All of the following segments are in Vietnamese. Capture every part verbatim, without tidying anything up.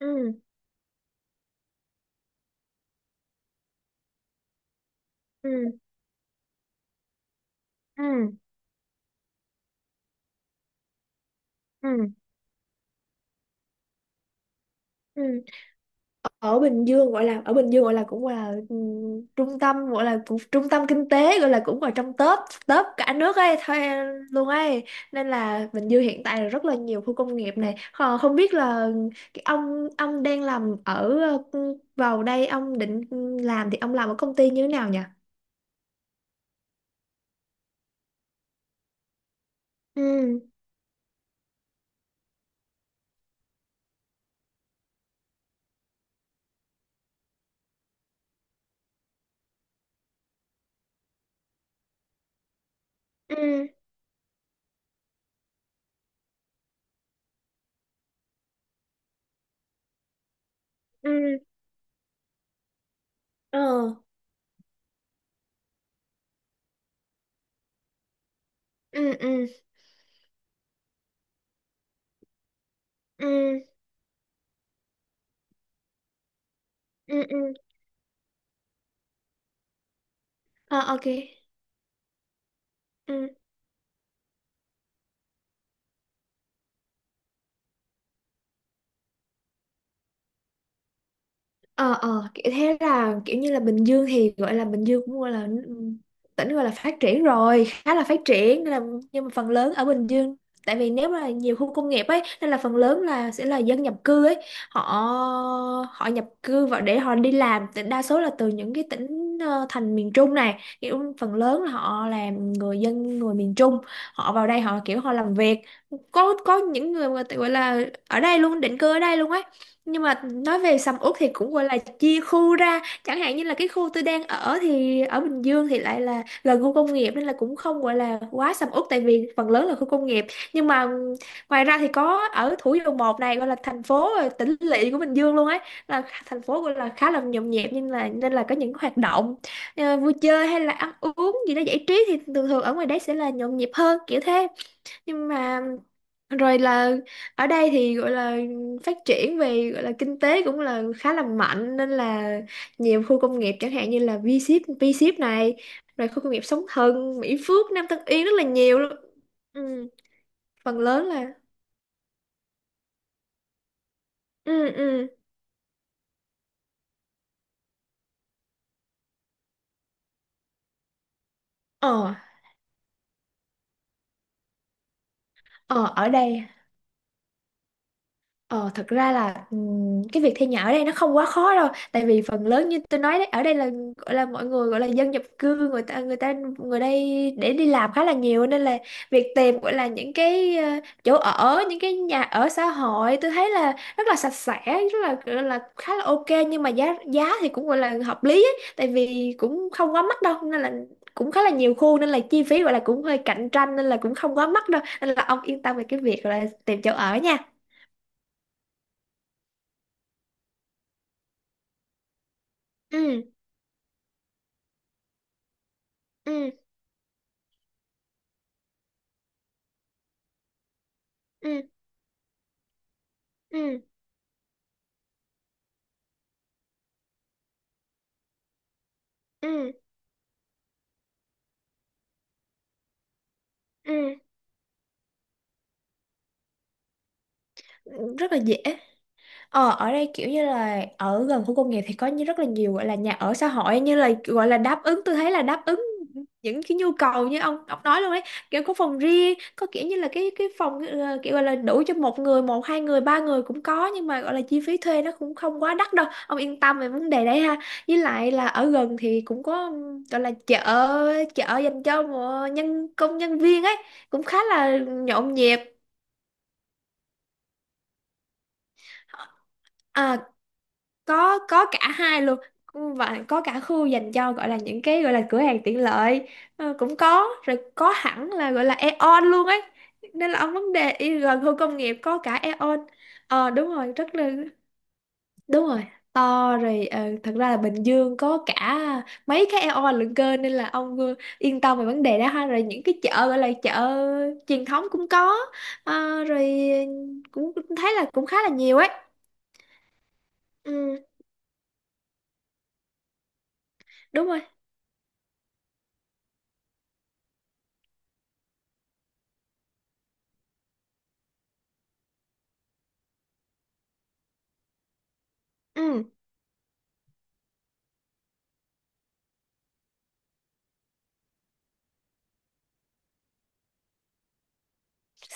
ừ ừ ừ ừ ừ. Ở Bình Dương gọi là ở Bình Dương gọi là cũng là ừ, trung tâm gọi là cũng trung tâm kinh tế gọi là cũng là trong top top cả nước ấy thôi luôn ấy, nên là Bình Dương hiện tại là rất là nhiều khu công nghiệp này. Ờ, Không biết là cái ông ông đang làm ở, ừ, vào đây ông định làm thì ông làm ở công ty như thế nào nhỉ? Ừ ừ ừ ờ ừ ừ ừ ừ ừ ờ Ok. ừ ờ ờ Kiểu thế là kiểu như là Bình Dương thì gọi là Bình Dương cũng gọi là tỉnh gọi là phát triển rồi, khá là phát triển, nên là nhưng mà phần lớn ở Bình Dương, tại vì nếu mà nhiều khu công nghiệp ấy nên là phần lớn là sẽ là dân nhập cư ấy. Họ họ nhập cư vào để họ đi làm. Thì đa số là từ những cái tỉnh ờ, thành miền Trung này, kiểu phần lớn là họ là người dân người miền Trung. Họ vào đây họ kiểu họ làm việc, có có những người mà tự gọi là ở đây luôn, định cư ở đây luôn ấy. Nhưng mà nói về sầm uất thì cũng gọi là chia khu ra. Chẳng hạn như là cái khu tôi đang ở thì ở Bình Dương thì lại là gần khu công nghiệp, nên là cũng không gọi là quá sầm uất, tại vì phần lớn là khu công nghiệp. Nhưng mà ừm, ngoài ra thì có ở Thủ Dầu Một này, gọi là thành phố ờ, tỉnh lỵ của Bình Dương luôn ấy, là kh- thành phố gọi là khá là nhộn nhịp, nhưng là nên là có những hoạt động ờ, vui chơi hay là ăn uống gì đó giải trí. Thì thường thường ở ngoài đấy sẽ là nhộn nhịp hơn, kiểu thế. Nhưng mà rồi là ở đây thì gọi là phát triển về, gọi là kinh tế cũng là khá là mạnh, nên là nhiều khu công nghiệp, chẳng hạn như là V-Ship, V-Ship này, rồi khu công nghiệp Sóng Thần, Mỹ Phước, Nam Tân Yên, rất là nhiều luôn. Ừ, phần lớn là ừ ừ ờ ờ ở đây. Ờ, Thật ra là ừm, cái việc thuê nhà ở đây nó không quá khó đâu, tại vì phần lớn như tôi nói đấy, ở đây là gọi là mọi người gọi là dân nhập cư, người ta người ta người đây để đi làm khá là nhiều, nên là việc tìm gọi là những cái ờ, chỗ ở, những cái nhà ở xã hội, tôi thấy là rất là sạch sẽ, rất là gọi là khá là ok. Nhưng mà giá giá thì cũng gọi là hợp lý ấy, tại vì cũng không quá mắc đâu, nên là cũng khá là nhiều khu, nên là chi phí gọi là cũng hơi cạnh tranh, nên là cũng không quá mắc đâu, nên là ông yên tâm về cái việc là tìm chỗ ở nha. Ừ. ừ ừ ừ ừ ừ Rất là dễ. Ờ, ở đây kiểu như là ở gần khu công nghiệp thì có như rất là nhiều gọi là nhà ở xã hội, như là gọi là đáp ứng, tôi thấy là đáp ứng những cái nhu cầu như ông ông nói luôn đấy, kiểu có phòng riêng, có kiểu như là cái cái phòng ờ, kiểu gọi là đủ cho một người, một hai người, ba người cũng có. Nhưng mà gọi là chi phí thuê nó cũng không quá đắt đâu, ông yên tâm về vấn đề đấy ha. Với lại là ở gần thì cũng có, ừm, gọi là chợ, chợ dành cho ờ, nhân công, nhân viên ấy, cũng khá là nhộn nhịp. À, có có cả hai luôn. Ừ, và có cả khu dành cho gọi là những cái gọi là cửa hàng tiện lợi, ờ, cũng có rồi, có hẳn là gọi là Aeon luôn ấy, nên là ông vấn đề y gần khu công nghiệp có cả Aeon. Ờ đúng rồi, rất là đúng rồi, to rồi. ờ, Thật ra là Bình Dương có cả mấy cái Aeon lận cơ, nên là ông ờ, yên tâm về vấn đề đó ha. Rồi những cái chợ gọi là chợ truyền thống cũng có. Ờ, rồi cũng thấy là cũng khá là nhiều ấy. Ừ, đúng rồi. Ừ,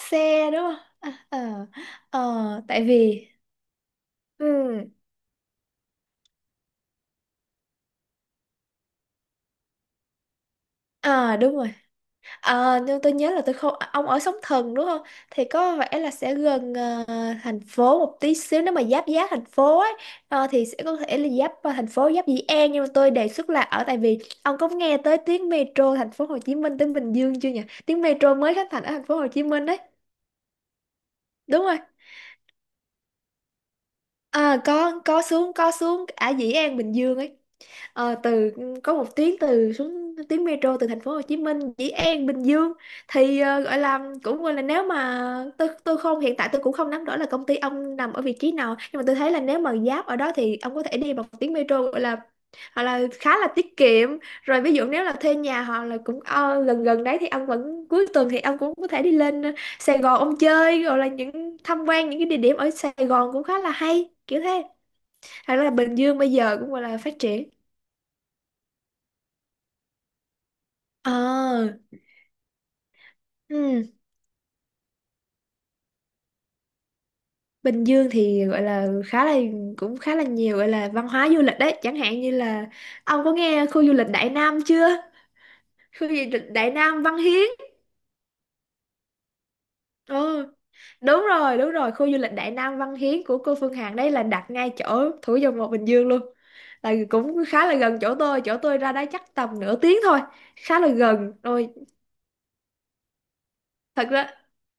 xe đúng không? À, ờ. Ờ, tại vì, ừ, à đúng rồi. À, nhưng tôi nhớ là tôi không, ông ở Sóng Thần đúng không? Thì có vẻ là sẽ gần ờ, thành phố một tí xíu, nếu mà giáp giáp thành phố ấy. Ờ, thì sẽ có thể là giáp ờ, thành phố, giáp Dĩ An. Nhưng mà tôi đề xuất là ở, tại vì ông có nghe tới tuyến metro thành phố Hồ Chí Minh tới Bình Dương chưa nhỉ? Tuyến metro mới khánh thành ở thành phố Hồ Chí Minh đấy, đúng rồi. À, có có xuống, có xuống ở Dĩ An Bình Dương ấy. Ờ, từ có một tuyến từ, xuống tuyến metro từ thành phố Hồ Chí Minh, Dĩ An, Bình Dương. Thì ờ, gọi là cũng gọi là nếu mà tôi tôi không, hiện tại tôi cũng không nắm rõ là công ty ông nằm ở vị trí nào, nhưng mà tôi thấy là nếu mà giáp ở đó thì ông có thể đi bằng tuyến metro, gọi là hoặc là khá là tiết kiệm. Rồi ví dụ nếu là thuê nhà hoặc là cũng ờ, gần gần đấy, thì ông vẫn cuối tuần thì ông cũng có thể đi lên Sài Gòn ông chơi, rồi là những tham quan những cái địa điểm ở Sài Gòn cũng khá là hay, kiểu thế. Hoặc là Bình Dương bây giờ cũng gọi là phát triển. ờ ừ. Bình Dương thì gọi là khá là cũng khá là nhiều gọi là văn hóa du lịch đấy, chẳng hạn như là ông có nghe khu du lịch Đại Nam chưa? Khu du lịch Đại Nam Văn Hiến. Ừ, đúng rồi, đúng rồi, khu du lịch Đại Nam Văn Hiến của cô Phương Hằng đấy là đặt ngay chỗ Thủ Dầu Một Bình Dương luôn. Là cũng khá là gần chỗ tôi, chỗ tôi ra đó chắc tầm nửa tiếng thôi, khá là gần. Rồi, thật ra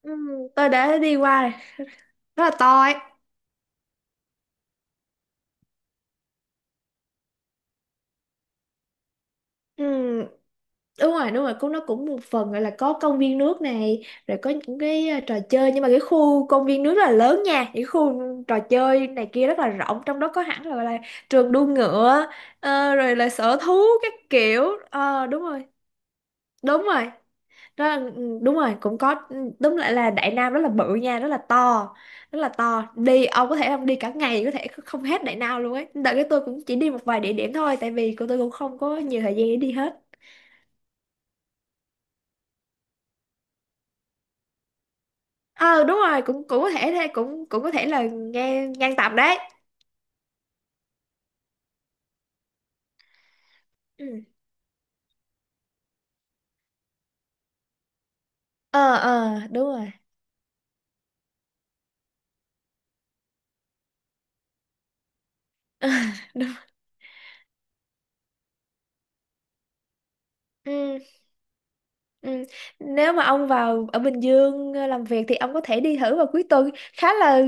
ừm, tôi đã đi qua rồi, rất là to ấy. Ừ. Đúng rồi, đúng rồi, cũng nó cũng một phần gọi là có công viên nước này, rồi có những cái ờ, trò chơi, nhưng mà cái khu công viên nước rất là lớn nha, những khu trò chơi này kia rất là rộng, trong đó có hẳn là, gọi là trường đua ngựa, ờ, rồi là sở thú các kiểu. Ờ, đúng rồi, đúng rồi, đó là, ừ, đúng rồi cũng có. Ừ, đúng lại là Đại Nam rất là bự nha, rất là to, rất là to. Đi ông có thể ông đi cả ngày có thể không hết Đại Nam luôn ấy, đợt cái tôi cũng chỉ đi một vài địa điểm thôi, tại vì cô tôi cũng không có nhiều thời gian để đi hết. ờ Đúng rồi, cũng cũng có thể thế, cũng cũng có thể là ngang ngang tầm đấy. Ừ. ờ ờ Đúng rồi. Đúng. Ừ, ừ. Nếu mà ông vào ở Bình Dương ờ, làm việc thì ông có thể đi thử vào cuối tuần, khá là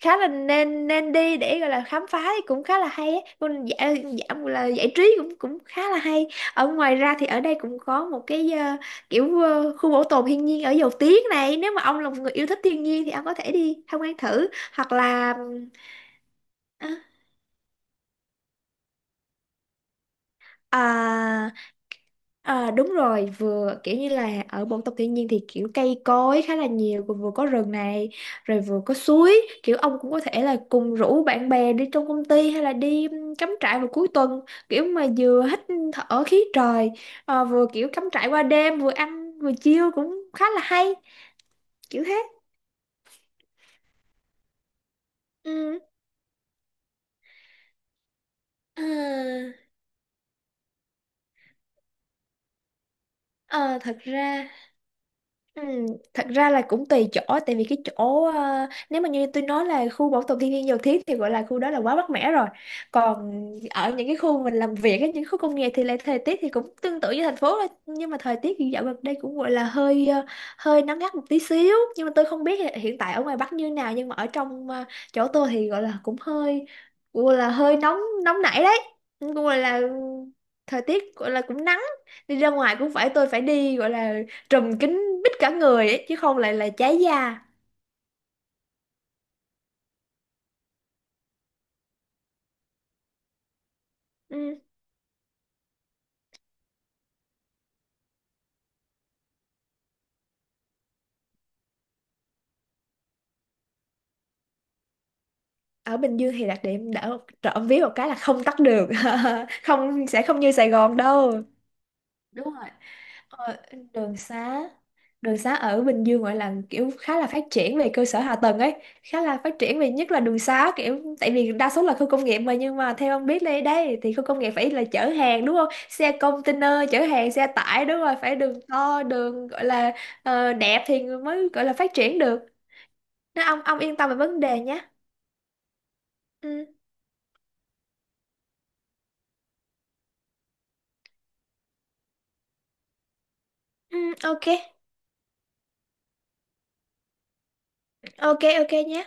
khá là nên nên đi để gọi là khám phá thì cũng khá là hay á. Còn dạ, dạ, là giải trí cũng cũng khá là hay. Ở ngoài ra thì ở đây cũng có một cái ờ, kiểu ờ, khu bảo tồn thiên nhiên ở Dầu Tiếng này, nếu mà ông là một người yêu thích thiên nhiên thì ông có thể đi tham quan thử. Hoặc là ừm, à, à, đúng rồi, vừa kiểu như là ở bộ tộc thiên nhiên thì kiểu cây cối khá là nhiều, vừa vừa có rừng này, rồi vừa có suối, kiểu ông cũng có thể là cùng rủ bạn bè đi trong công ty hay là đi ừm, cắm trại vào cuối tuần, kiểu mà vừa hít thở khí trời, ờ, vừa kiểu cắm trại qua đêm, vừa ăn vừa chiêu cũng khá là hay, kiểu thế. Ừ. À, ờ, thật ra Ừ, thật ra là cũng tùy chỗ, tại vì cái chỗ ờ, nếu mà như tôi nói là khu bảo tồn thiên nhiên Dầu Thiết thì gọi là khu đó là quá mát mẻ rồi. Còn ở những cái khu mình làm việc ấy, những khu công nghiệp thì lại thời tiết thì cũng tương tự như thành phố thôi. Nhưng mà thời tiết thì dạo gần đây cũng gọi là hơi ờ, hơi nắng gắt một tí xíu. Nhưng mà tôi không biết là hiện tại ở ngoài Bắc như nào, nhưng mà ở trong ờ, chỗ tôi thì gọi là cũng hơi gọi là hơi nóng, nóng nảy đấy, cũng gọi là thời tiết gọi là cũng nắng, đi ra ngoài cũng phải tôi phải đi gọi là trùm kín mít cả người ấy, chứ không lại là cháy da. Ừ. Ở Bình Dương thì đặc điểm đỡ trộm vía một cái là không tắt đường, không sẽ không như Sài Gòn đâu. Đúng rồi, ờ, đường xá đường xá ở Bình Dương gọi là kiểu khá là phát triển về cơ sở hạ tầng ấy, khá là phát triển về nhất là đường xá, kiểu tại vì đa số là khu công nghiệp mà. Nhưng mà theo ông biết đây đây thì khu công nghiệp phải là chở hàng đúng không, xe container chở hàng, xe tải, đúng rồi phải đường to, đường gọi là ờ, đẹp thì mới gọi là phát triển được. Nên ông ông yên tâm về vấn đề nhé. Ừ, ừ, ok, ok, ok nhé.